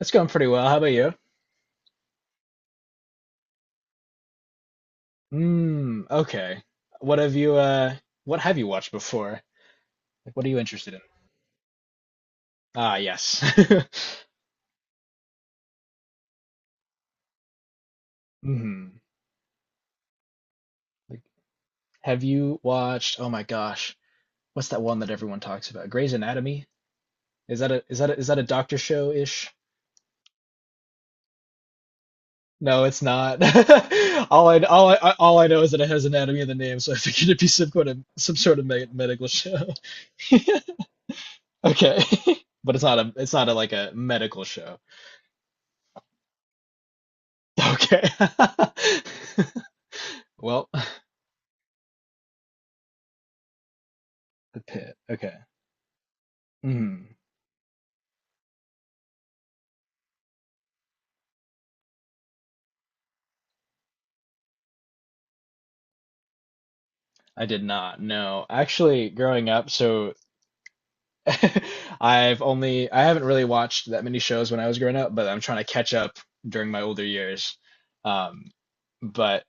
It's going pretty well. How about you? Mm, okay. What have you watched before? Like what are you interested in? Ah, yes. Hmm. Like have you watched, oh my gosh, what's that one that everyone talks about? Grey's Anatomy? Is that a is that a, is that a doctor show-ish? No, it's not. All I know is that it has anatomy in the name, so I figured it'd be some kind of some sort of me medical show. Okay. But it's not a like a medical show. Okay. Well, the pit. Okay. Hmm. I did not know. Actually, growing up, so I haven't really watched that many shows when I was growing up, but I'm trying to catch up during my older years. Um, but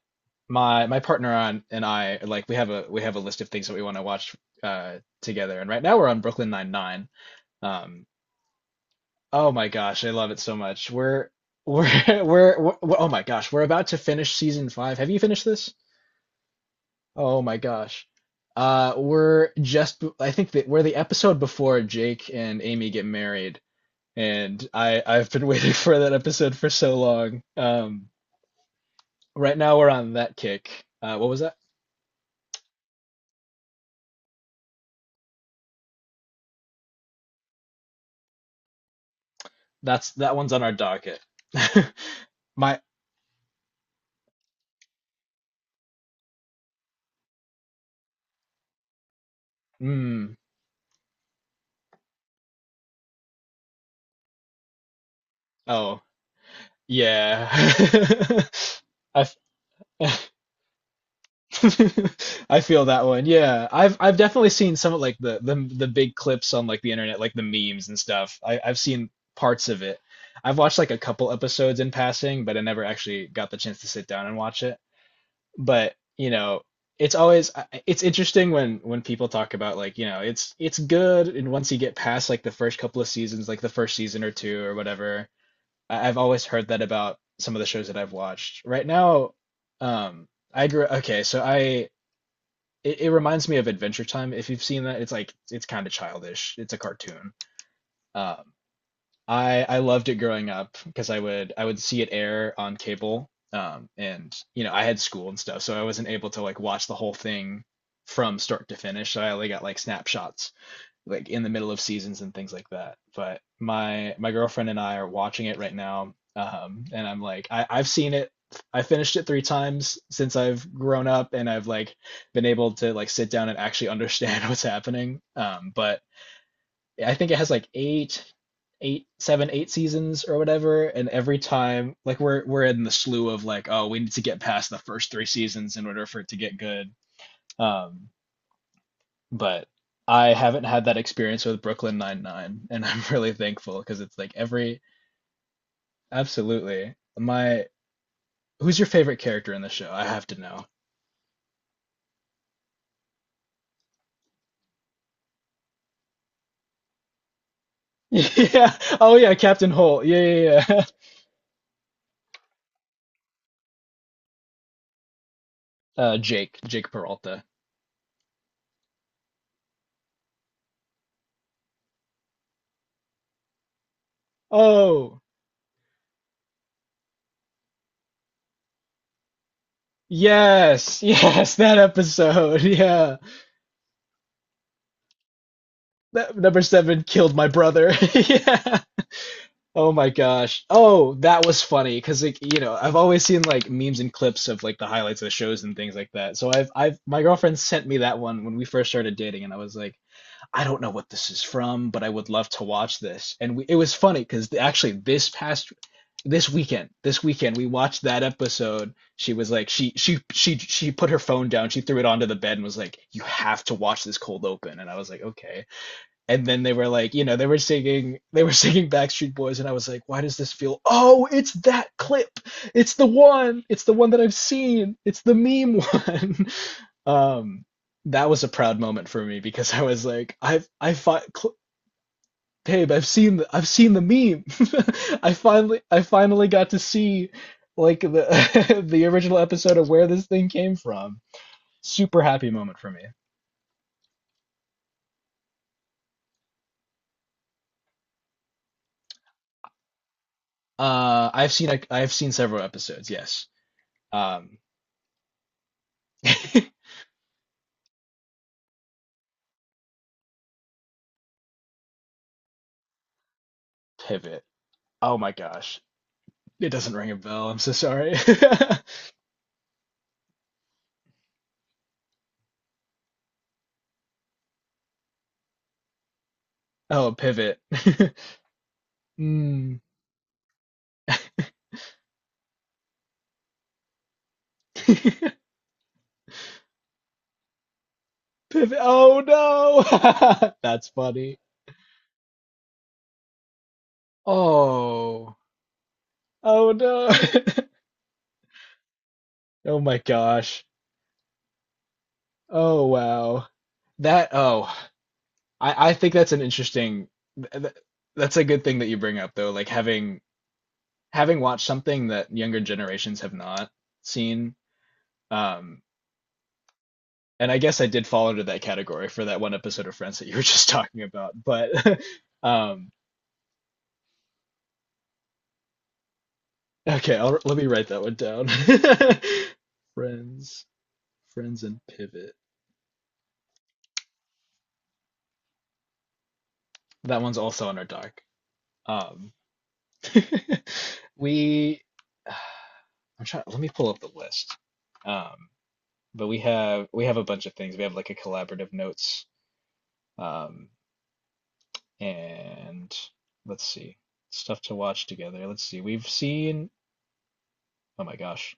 my partner on and I, like, we have a list of things that we want to watch together, and right now we're on Brooklyn Nine-Nine. Um, Oh my gosh, I love it so much. We're we're, we oh my gosh, we're about to finish season five. Have you finished this? Oh my gosh. We're just, I think that we're the episode before Jake and Amy get married, and I've been waiting for that episode for so long. Right now we're on that kick. What was that? That's that one's on our docket. My mm, oh yeah. I I feel that one. Yeah, I've definitely seen some of, like, the the big clips on, like, the internet, like the memes and stuff. I've seen parts of it. I've watched like a couple episodes in passing, but I never actually got the chance to sit down and watch it. But, you know, it's always it's interesting when people talk about, like, you know, it's good and once you get past, like, the first couple of seasons, like the first season or two or whatever. I've always heard that about some of the shows that I've watched. Right now, um I grew, okay, so I it reminds me of Adventure Time. If you've seen that, it's like it's kind of childish. It's a cartoon. Um, I loved it growing up because I would see it air on cable. And you know, I had school and stuff, so I wasn't able to, like, watch the whole thing from start to finish. So I only got, like, snapshots like in the middle of seasons and things like that. But my girlfriend and I are watching it right now, and I'm like, I've seen it. I finished it three times since I've grown up, and I've, like, been able to, like, sit down and actually understand what's happening. But I think it has like eight seasons or whatever, and every time, like, we're in the slew of, like, oh, we need to get past the first three seasons in order for it to get good. Um, but I haven't had that experience with Brooklyn Nine-Nine, and I'm really thankful because it's like every absolutely my who's your favorite character in the show? I have to know. Yeah. Oh yeah, Captain Holt. Yeah, yeah, yeah. Jake Peralta. Oh, yes, yes, that episode. Yeah. That number seven killed my brother. Yeah. Oh my gosh. Oh, that was funny because, like, you know, I've always seen like memes and clips of, like, the highlights of the shows and things like that. So I've my girlfriend sent me that one when we first started dating and I was like, I don't know what this is from, but I would love to watch this. And we it was funny because actually this weekend we watched that episode. She was like, she put her phone down, she threw it onto the bed and was like, "You have to watch this cold open." And I was like, "Okay." And then they were like, you know, they were singing, they were singing Backstreet Boys, and I was like, why does this feel? Oh, it's that clip. It's the one. It's the one that I've seen. It's the meme one. Um, that was a proud moment for me because I was like, I've I fi- cl- babe, I've seen the meme. I finally got to see, like, the the original episode of where this thing came from. Super happy moment for me. I've seen several episodes. Yes. Um. Pivot. Oh my gosh. It doesn't ring a bell. I'm so sorry. Oh, pivot. Mm. Pivot. Oh no. That's funny. Oh. Oh no. Oh my gosh. Oh wow. That oh. I think that's an interesting th th that's a good thing that you bring up though, like having watched something that younger generations have not seen. Um and I guess I did fall into that category for that one episode of Friends that you were just talking about. But um, okay, let me write that one down. Friends, Friends, and Pivot. That one's also on our doc. Um, we, I'm trying. Let me pull up the list. Um, but we have a bunch of things. We have like a collaborative notes. Um, and let's see, stuff to watch together. Let's see. We've seen. Oh my gosh.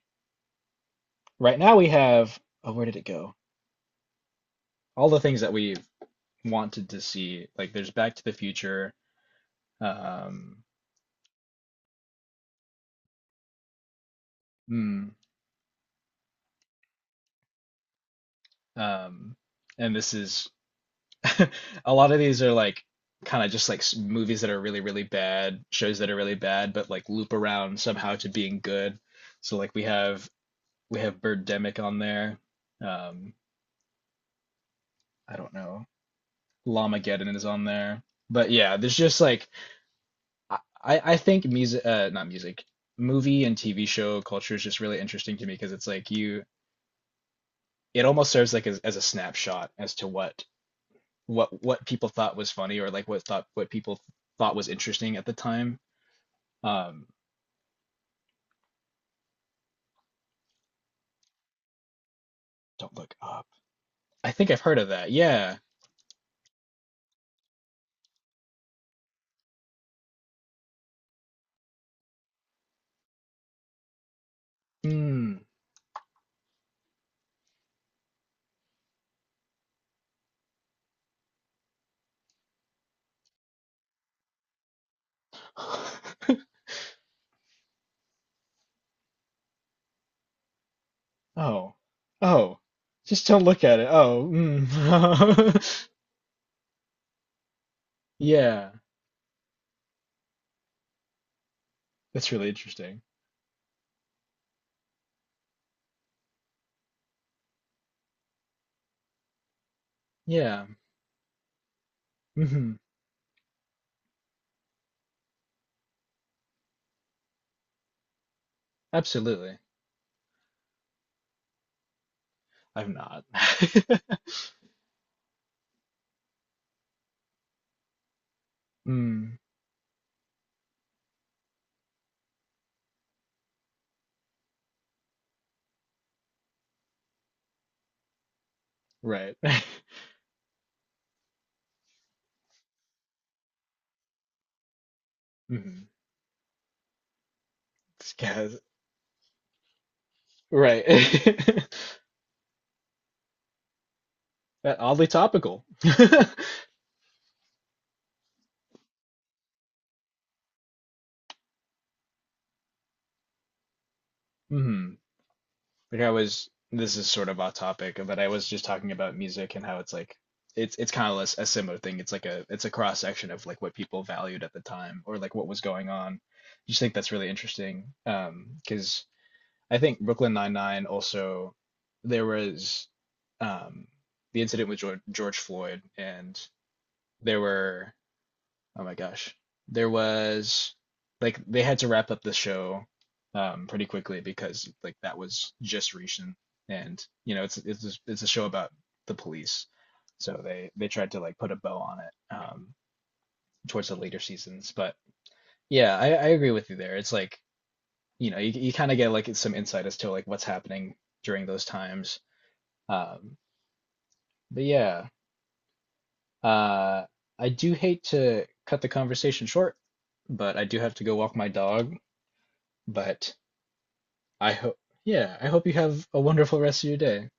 Right now we have, oh, where did it go? All the things that we wanted to see. Like there's Back to the Future. Um, mm, um, and this is a lot of these are like kind of just like movies that are really, really bad, shows that are really bad, but like loop around somehow to being good. So like we have Birdemic on there. Um, I don't know. Llamageddon is on there. But yeah, there's just like I think music, not music, movie and TV show culture is just really interesting to me because it's like it almost serves like as a snapshot as to what people thought was funny or like what people thought was interesting at the time. Um, don't look up. I think I've heard of that. Yeah. Mm. Oh. Oh. Just don't look at it. Oh. Mm. Yeah. That's really interesting. Yeah. Hmm. Absolutely. I've not. Mm, right. Mhm. Yes, right. That oddly topical. Hmm. Like I was, this is sort of off topic, but I was just talking about music and how it's like, it's kind of a similar thing. It's like a it's a cross section of like what people valued at the time or like what was going on. Just think that's really interesting. Because I think Brooklyn Nine-Nine also there was um the incident with George Floyd and there were oh my gosh. There was like they had to wrap up the show pretty quickly because like that was just recent and you know it's a show about the police. So they tried to like put a bow on it towards the later seasons. But yeah, I agree with you there. It's like, you know, you kind of get like some insight as to like what's happening during those times. Um, but yeah, uh I do hate to cut the conversation short, but I do have to go walk my dog. But I hope, yeah, I hope you have a wonderful rest of your day.